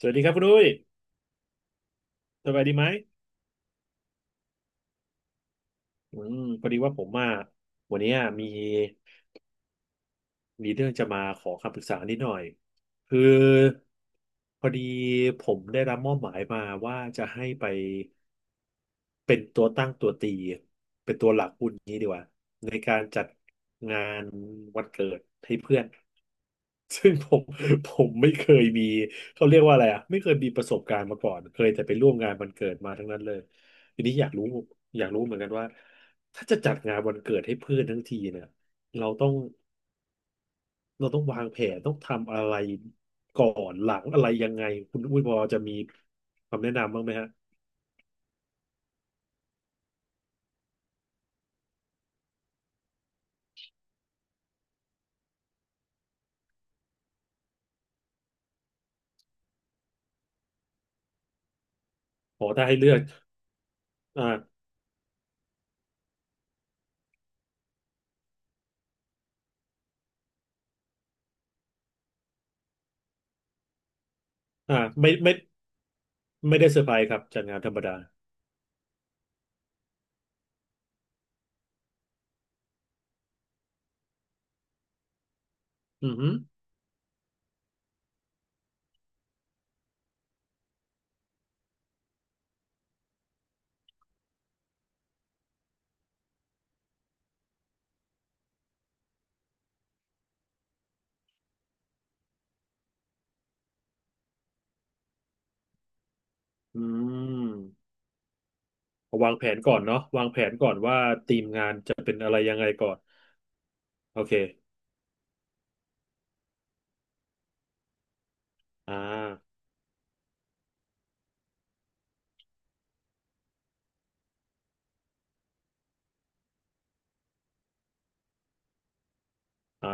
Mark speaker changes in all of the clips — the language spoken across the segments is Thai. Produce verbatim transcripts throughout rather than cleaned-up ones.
Speaker 1: สวัสดีครับคุณดุ้ยสบายดีไหมอืมพอดีว่าผมอ่ะวันนี้มี มีเรื่องจะมาขอคำปรึกษานิดหน่อยคือพอดีผมได้รับมอบหมายมาว่าจะให้ไปเป็นตัวตั้งตัวตีเป็นตัวหลักพูดงี้ดีกว่าในการจัดงานวันเกิดให้เพื่อน ซึ่งผมผมไม่เคยมีเขาเรียกว่าอะไรอ่ะไม่เคยมีประสบการณ์มาก่อนเคยแต่ไปร่วมงานวันเกิดมาทั้งนั้นเลยทีนี้อยากรู้อยากรู้เหมือนกันว่าถ้าจะจัดงานวันเกิดให้เพื่อนทั้งทีเนี่ยเราต้อง เราต้องวางแผนต้องทำอะไรก่อนหลังอะไรยังไงคุณอุ้ยพอจะมีคำแนะนำบ้างไหมฮะขอถ้าให้เลือกอ่าอ่าไม่ไม่ไม่ได้เซอร์ไพรส์ครับจากงานธรรมดาอือหืออืมวางแผนก่อนเนาะวางแผนก่อนว่าทีมงานจะเป็นอะไรยังไงก่อนโอเคอ่าอ่า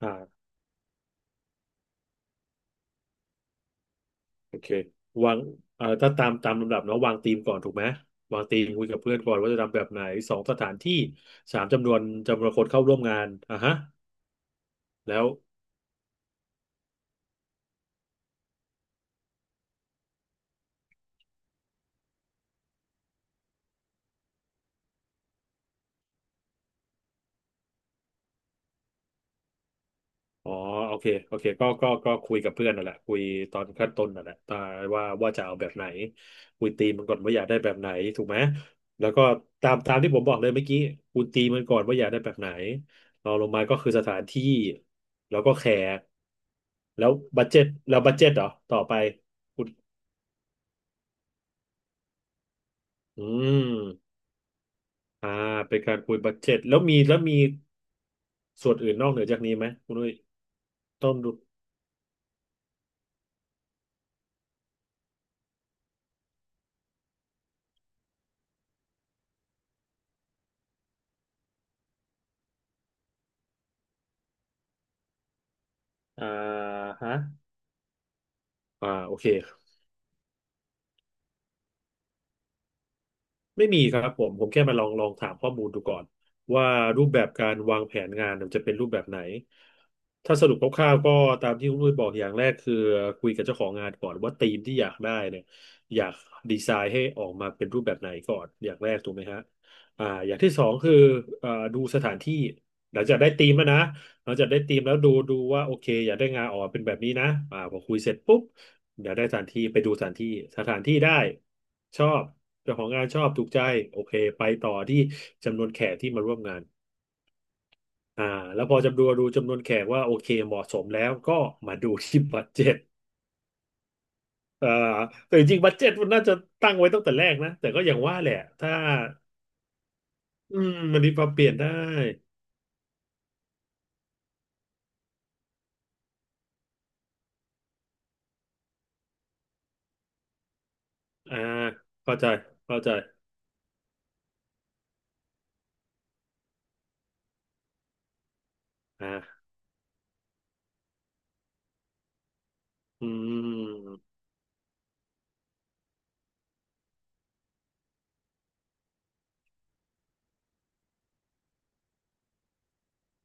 Speaker 1: อ่าโอเควางเอ่อถ้าตามตามลำดับเนาะวางธีมก่อนถูกไหมวางธีมคุยกับเพื่อนก่อนว่าจะทำแบบไหนสองสถานที่สามจำนวนจำนวนคนเข้าร่วมงานอ่ะฮะ แล้วอ๋อโอเคโอเคก็ก็ก็คุยกับเพื่อนนั่นแหละคุยตอนขั้นต้นนั่นแหละตาว่าว่าจะเอาแบบไหนคุยตีมมันก่อนว่าอยากได้แบบไหนถูกไหมแล้วก็ตามตามที่ผมบอกเลยเมื่อกี้คุณตีมันก่อนว่าอยากได้แบบไหนรองลงมาก็คือสถานที่แล้วก็แขกแล้วบัดเจ็ตแล้วบัดเจ็ตเหรอต่อไปคุณอืมอ่าเป็นการคุยบัดเจ็ตแล้วมีแล้วมีส่วนอื่นนอกเหนือจากนี้ไหมคุณนุ้ยต้อดูอ่าฮะอ่าโอเค ไม่มีครับผมผมแค่มาลองลองถามข้อมูลดูก่อนว่ารูปแบบการวางแผนงานมันจะเป็นรูปแบบไหนถ้าสรุปคร่าวๆก็ตามที่คุณลุยบอกอย่างแรกคือคุยกับเจ้าของงานก่อนว่าธีมที่อยากได้เนี่ยอยากดีไซน์ให้ออกมาเป็นรูปแบบไหนก่อนอย่างแรกถูกไหมฮะอ่าอย่างที่สองคืออ่าดูสถานที่หลังจากได้ธีมแล้วนะหลังจากได้ธีมแล้วดูดูว่าโอเคอยากได้งานออกมาเป็นแบบนี้นะอ่าพอคุยเสร็จปุ๊บ อยากได้สถานที่ไปดูสถานที่สถานที่ได้ชอบเจ้าของงานชอบถูกใจโอเคไปต่อที่จำนวนแขกที่มาร่วมงานอ่าแล้วพอจำดูดูจำนวนแขกว่าโอเคเหมาะสมแล้วก็มาดูที่ บัดเจ็ตอ่าแต่จริงๆบัดเจ็ตมันน่าจะตั้งไว้ตั้งแต่แรกนะแต่ก็อย่างว่าแหละถ้าอืมมันมีปรับเปลี่ยนได้อ่าเข้าใจเข้าใจอ่าอืม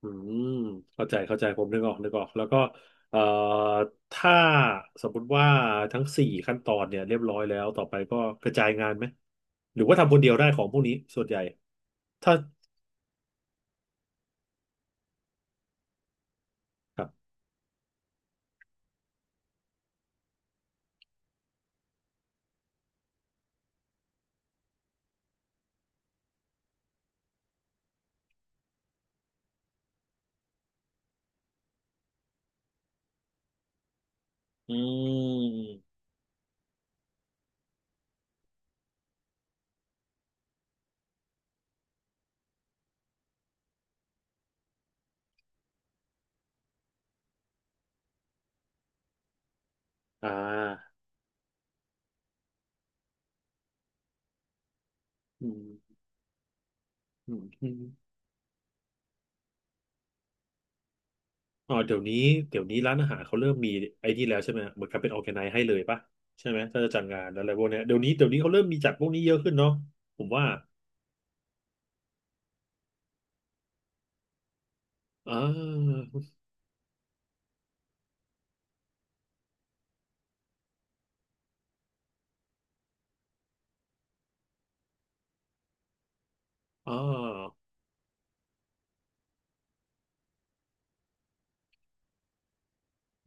Speaker 1: อืม เข้าใจเข้าใจผมนึกออกนึกออก แล้วก็เอ่อถ้าสมมติว่าทั้งสี่ขั้นตอนเนี่ยเรียบร้อยแล้ว ต่อไปก็กระจายงานไหม หรือว่าทำคนเดียวได้ของพวกนี้ส่วนใหญ่ ถ้าครับอืม อ่าอืมอืมอมอ๋อเดี๋ยวนี้เดี๋ยวนี้ร้านอาหารเขาเริ่มมีไอ้นี่แล้วใช่ไหม เหมือนกับเป็นออร์แกไนซ์ให้เลยป่ะใช่ไหม ถ้าจะจัดงานอะไรพวกเนี้ยเดี๋ยวนี้ เดี๋ยวนี้เขาเริ่มมีจัดพวกนี้เยอะขึ้นเนาะผมว่าอ่าอ่า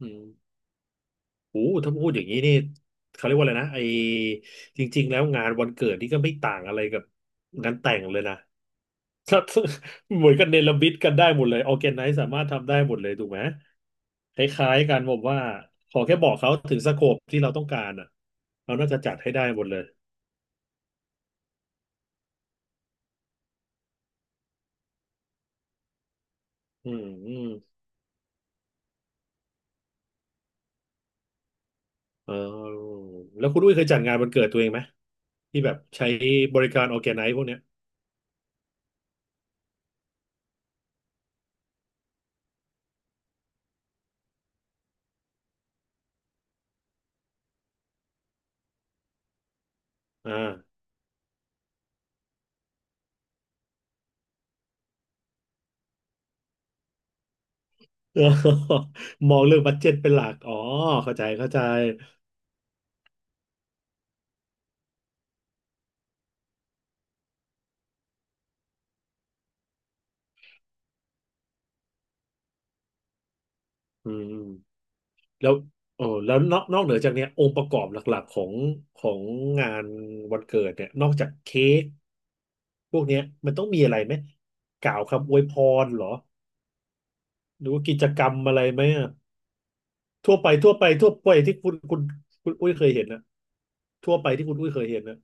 Speaker 1: อืม โอ้ถ้าพูดอย่างนี้นี่เขาเรียกว่าอะไรนะไอ้จริงๆแล้วงานวันเกิดนี่ก็ไม่ต่างอะไรกับงานแต่งเลยนะ ถ้าเหมือนกันเนรมิตกันได้หมดเลยออร์แกไนซ์สามารถทำได้หมดเลยถูกไหมคล้ายๆกันผมว่าขอแค่บอกเขาถึงสโคปที่เราต้องการอ่ะเราน่าจะจัดให้ได้หมดเลยอืมอืมเออแล้วคุณอุ้ยเคยจัดงานวันเกิดตัวเองไหมที่แบบใช้บริการออร์แกไนซ์พวกเนี้ยอ่า มองเรื่องบัดเจ็ตเป็นหลักอ๋อเข้าใจเข้าใจ อืมแล้วเออแล้วนอกนอกเหนือจากเนี้ยองค์ประกอบหลักๆของของงานวันเกิดเนี่ยนอกจากเค้กพวกเนี้ยมันต้องมีอะไรไหมกล่าวคำอวยพรเหรอหรือว่ากิจกรรมอะไรไหมอะทั่วไปทั่วไปทั่วไปที่คุณคุณคุณอุ้ยเคยเห็นนะทั่วไปที่คุณอุ้ยเคยเห็นนะ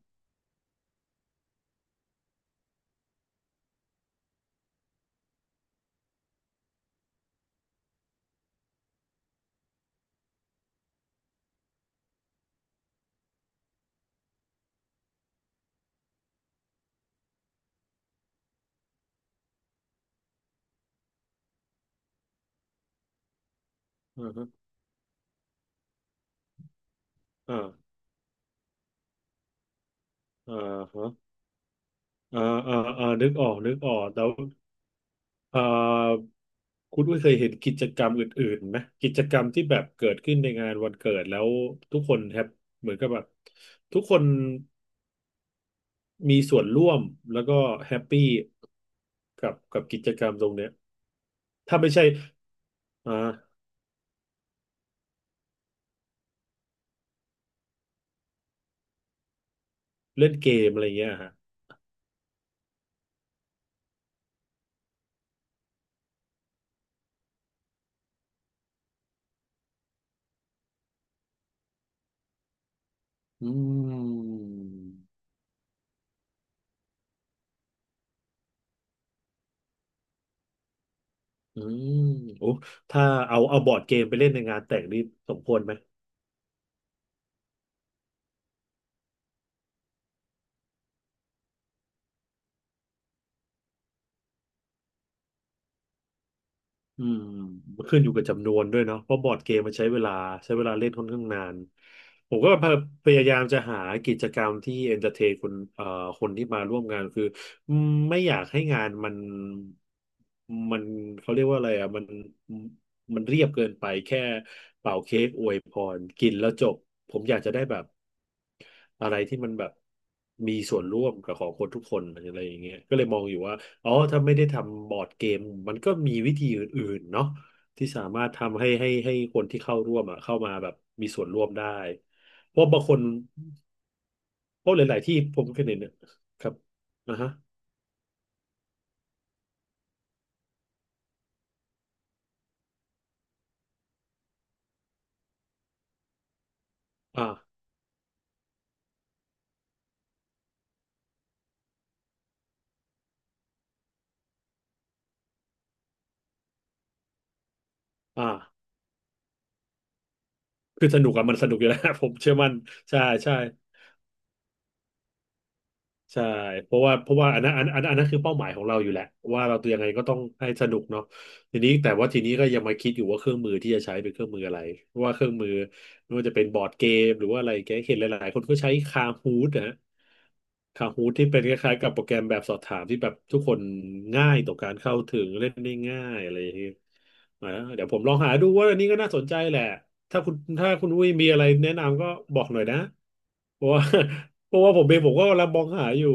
Speaker 1: อ่าฮะอ่าอ่าฮะอ่าอ่าอ่านึกออกนึกออกแล้ว เอ่อคุณอุ้ยเคยเห็นกิจกรรมอื่นๆไหมกิจกรรมที่แบบเกิดขึ้นในงานวันเกิดแล้วทุกคนแฮปเหมือนกับแบบทุกคนมีส่วนร่วมแล้วก็แฮปปี้กับกับกิจกรรมตรงเนี้ยถ้าไม่ใช่อ่าเล่นเกมอะไรเงี้ยฮะอืมอืมโอ้ถ้าเอาเอาบอร์ดเกมไปเล่นในงานแต่งนี่สมควรไหม อืมมันขึ้นอยู่กับจำนวนด้วยเนาะเพราะบอร์ดเกมมันใช้เวลาใช้เวลาเล่นค่อนข้างนานผมก็พยายามจะหากิจกรรมที่เอนเตอร์เทนคนเอ่อคนที่มาร่วมงานคืออืมไม่อยากให้งานมันมันเขาเรียกว่าอะไรอ่ะมันมันเรียบเกินไปแค่เป่าเค้กอวยพรกินแล้วจบผมอยากจะได้แบบอะไรที่มันแบบมีส่วนร่วมกับของคนทุกคนอะไรอย่างเงี้ยก็เลยมองอยู่ว่า อ๋อถ้าไม่ได้ทำบอร์ดเกมมันก็มีวิธีอื่นๆเนาะที่สามารถทำให้ให้ให้คนที่เข้าร่วมอ่ะเข้ามาแบบมีส่วนร่วมได้เพราะบางคนเพราะหลายๆที่ผมเคยเห็นเนี่ยครับอ่าฮะอ่าอ่าคือสนุกอะมันสนุกอยู่แล้ว ผมเชื่อมั่นใช่ใช่ใช่เพราะว่าเพราะว่าอันนั้นอันอันอันนั้นคือเป้าหมายของเราอยู่แหละว่าเราตัวยังไงก็ต้องให้สนุกเนาะ ทีนี้แต่ว่าทีนี้ก็ยังมาคิดอยู่ว่าเครื่องมือที่จะใช้เป็นเครื่องมืออะไรว่าเครื่องมือไม่ว่าจะเป็นบอร์ดเกมหรือว่าอะไรแกเห็นหลายๆคนก็ใช้คาฮูดนะฮะคาฮูดที่เป็นคล้ายๆกับโปรแกรมแบบสอบถามที่แบบทุกคนง่ายต่อการเข้าถึงเล่นได้ง่ายอะไรอย่างเงี้ยนะเดี๋ยวผมลองหาดูว่าอันนี้ก็น่าสนใจแหละถ้าคุณถ้าคุณอุ้ยมีอะไรแนะนำก็บอกหน่อยนะเพราะว่า เพราะว่าผมเองผมก็กำลังมองหาอยู่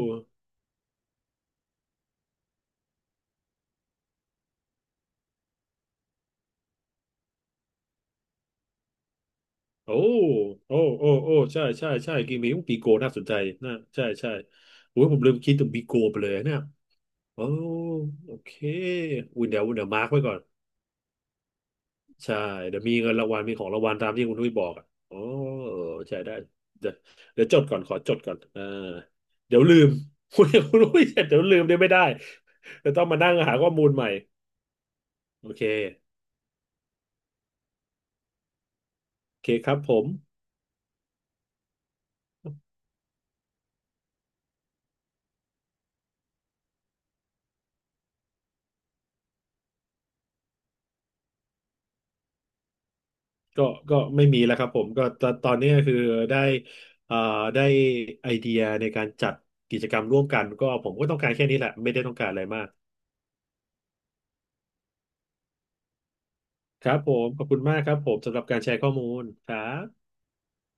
Speaker 1: โอ้โอ้โอ้โอ้ใช่ใช่ใช่เกมนี้ปีโกน่าสนใจน่าใช่ใช่โอ้ยผมลืมคิดถึงปีโกไปเลยเนี่ยโอ้โอเคอุ่นเดี๋ยวอุ่นเดี๋ยวมาร์กไว้ก่อน ใช่เดี๋ยวมีเงินรางวัลมีของรางวัลตามที่คุณนุ้ยบอกอ่ะโอ้เออใช่ได้เดี๋ยวเดี๋ยวจดก่อน ขอจดก่อนอ่าเดี๋ยวลืม คุณคุณนุ้ยเดี๋ยวลืมเดี๋ยวไม่ได้เดี๋ยวต้องมานั่งหาข้อมูลใหม่ โอเคโอเคครับผม ก็ก็ไม่มีแล้วครับผมก็ตตอนนี้ก็คือได้เอ่อได้ไอเดียในการจัดกิจกรรมร่วมกันก็ผมก็ต้องการแค่นี้แหละไม่ได้ต้องการอะไรมากครับผมขอบคุณมากครับผมสำหรับการแชร์ข้อมูลครับ